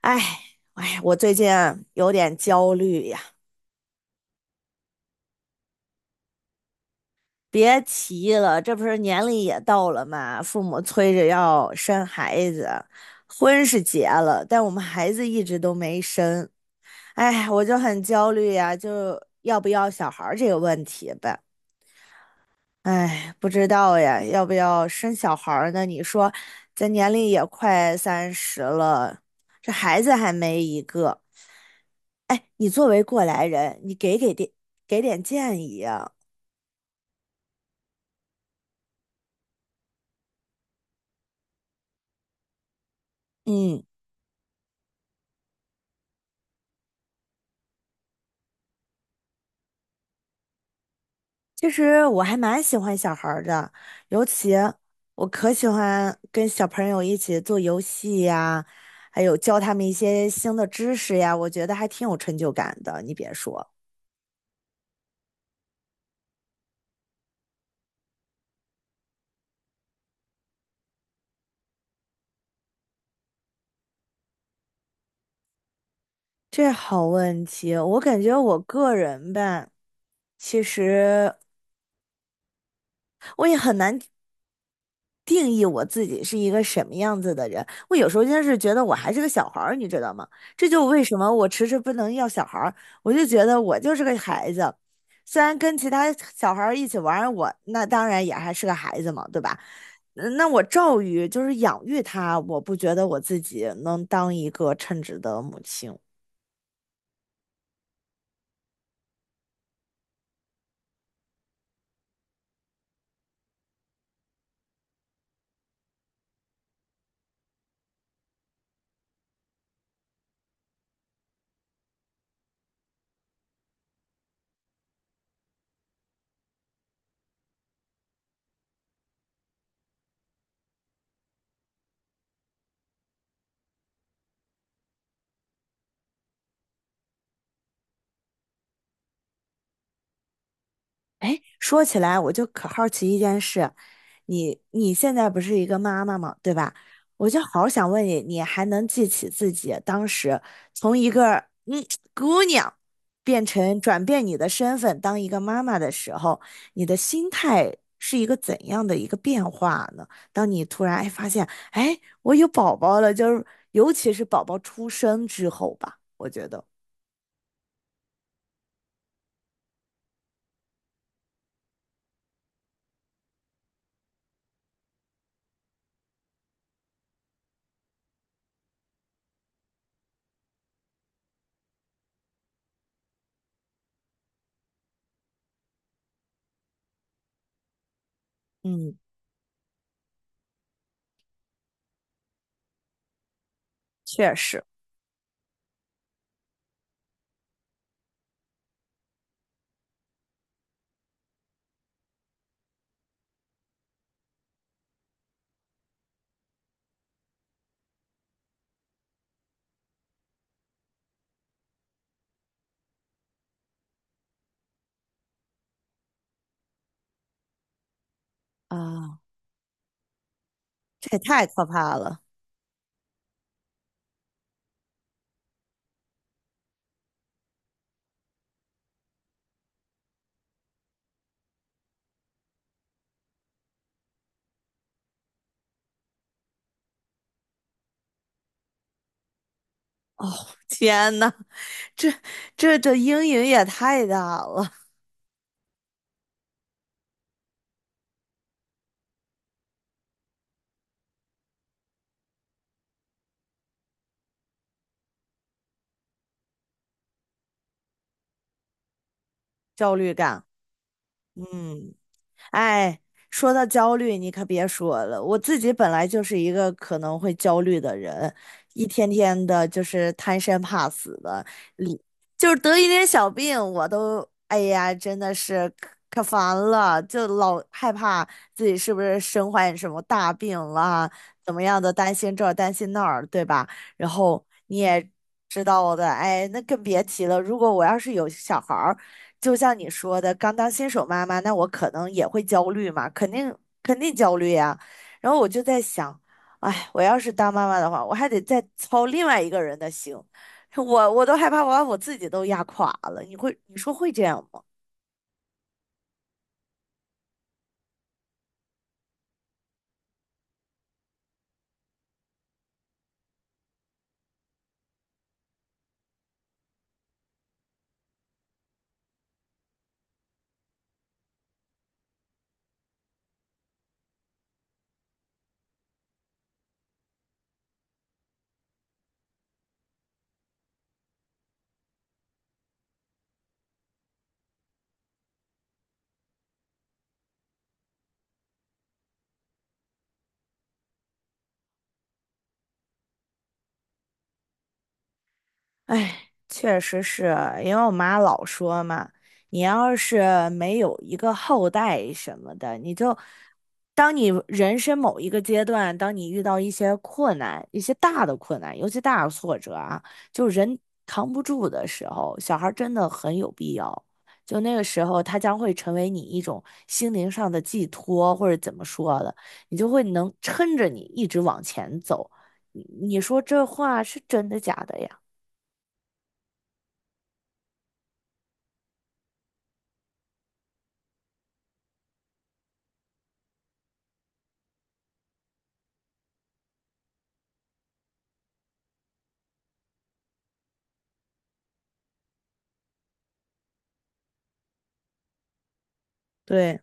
哎，哎，我最近啊有点焦虑呀。别提了，这不是年龄也到了嘛，父母催着要生孩子。婚是结了，但我们孩子一直都没生。哎，我就很焦虑呀，就要不要小孩儿这个问题呗。哎，不知道呀，要不要生小孩儿呢？你说，咱年龄也快30了，这孩子还没一个。哎，你作为过来人，你给点建议啊。嗯，其实我还蛮喜欢小孩儿的，尤其我可喜欢跟小朋友一起做游戏呀，还有教他们一些新的知识呀，我觉得还挺有成就感的。你别说，这好问题，我感觉我个人吧，其实我也很难定义我自己是一个什么样子的人。我有时候真是觉得我还是个小孩儿，你知道吗？这就为什么我迟迟不能要小孩儿，我就觉得我就是个孩子。虽然跟其他小孩儿一起玩儿我那当然也还是个孩子嘛，对吧？嗯，那我教育就是养育他，我不觉得我自己能当一个称职的母亲。哎，说起来，我就可好奇一件事，你现在不是一个妈妈嘛，对吧？我就好想问你，你还能记起自己当时从一个嗯姑娘变成转变你的身份当一个妈妈的时候，你的心态是一个怎样的一个变化呢？当你突然哎发现，哎，我有宝宝了，就是尤其是宝宝出生之后吧，我觉得。嗯，确实啊，这也太可怕了！天呐，这这阴影也太大了。焦虑感。嗯，哎，说到焦虑，你可别说了，我自己本来就是一个可能会焦虑的人，一天天的就是贪生怕死的，就是得一点小病，我都哎呀，真的是可烦了，就老害怕自己是不是身患什么大病了，怎么样的，担心这儿担心那儿，对吧？然后你也知道的，哎，那更别提了。如果我要是有小孩儿，就像你说的，刚当新手妈妈，那我可能也会焦虑嘛，肯定焦虑呀。然后我就在想，哎，我要是当妈妈的话，我还得再操另外一个人的心。我都害怕我把我自己都压垮了。你说会这样吗？哎，确实是因为我妈老说嘛，你要是没有一个后代什么的，你就当你人生某一个阶段，当你遇到一些困难、一些大的困难，尤其大的挫折啊，就人扛不住的时候，小孩儿真的很有必要。就那个时候，他将会成为你一种心灵上的寄托，或者怎么说的，你就会能撑着你一直往前走。你说这话是真的假的呀？对。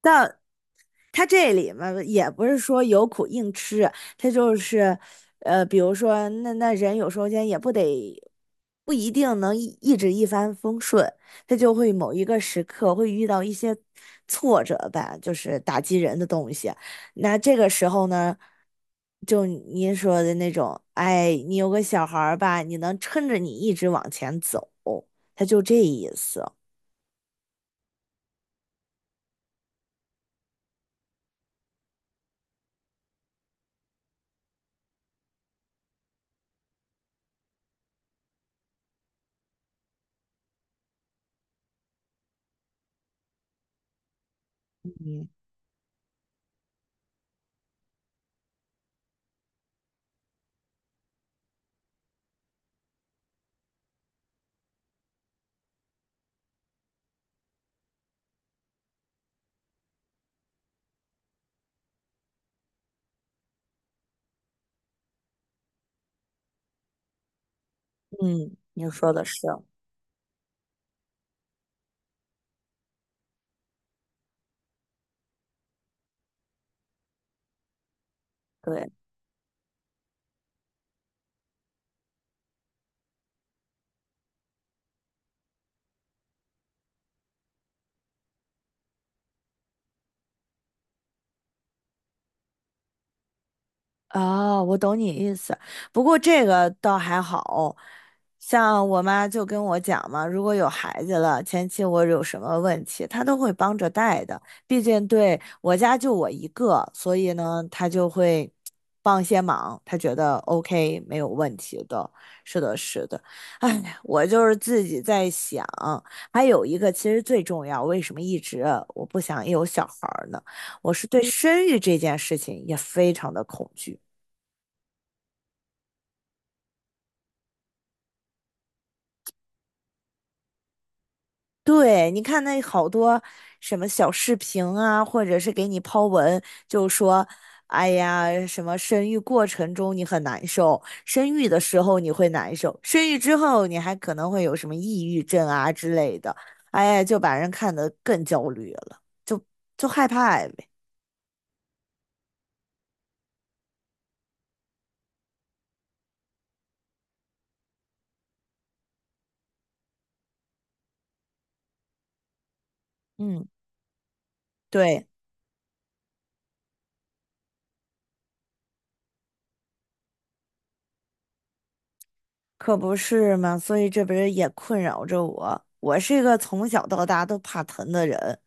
但他这里嘛，也不是说有苦硬吃，他就是，比如说那人有时候间也不得，不一定能一直一帆风顺，他就会某一个时刻会遇到一些挫折吧，就是打击人的东西。那这个时候呢，就您说的那种，哎，你有个小孩儿吧，你能撑着你一直往前走，他就这意思。嗯嗯，你说的是，对。啊，我懂你意思，不过这个倒还好，像我妈就跟我讲嘛，如果有孩子了，前期我有什么问题，她都会帮着带的，毕竟对我家就我一个，所以呢，她就会帮些忙，她觉得 OK 没有问题的，是的，是的。哎，我就是自己在想，还有一个其实最重要，为什么一直我不想有小孩儿呢？我是对生育这件事情也非常的恐惧。对，你看那好多什么小视频啊，或者是给你抛文，就说，哎呀，什么生育过程中你很难受，生育的时候你会难受，生育之后你还可能会有什么抑郁症啊之类的，哎呀，就把人看得更焦虑了，就害怕呗。嗯，对。可不是嘛，所以这不是也困扰着我。我是一个从小到大都怕疼的人，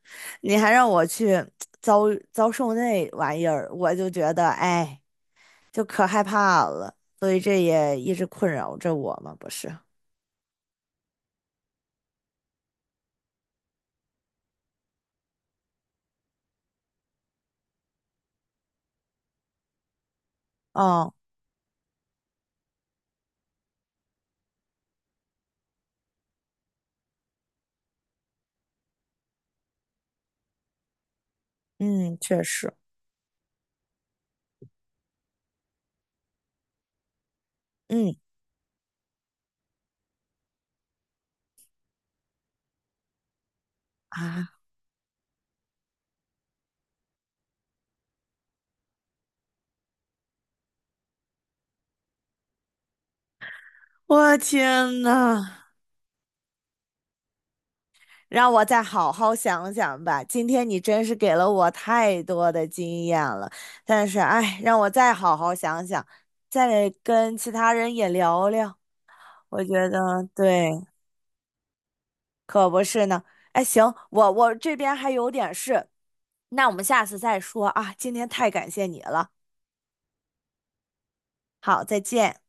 你还让我去遭遭受那玩意儿，我就觉得哎，就可害怕了。所以这也一直困扰着我嘛，不是？哦，嗯，确实，嗯，啊，我天呐！让我再好好想想吧。今天你真是给了我太多的经验了，但是哎，让我再好好想想，再跟其他人也聊聊。我觉得对，可不是呢。哎，行，我这边还有点事，那我们下次再说啊。今天太感谢你了，好，再见。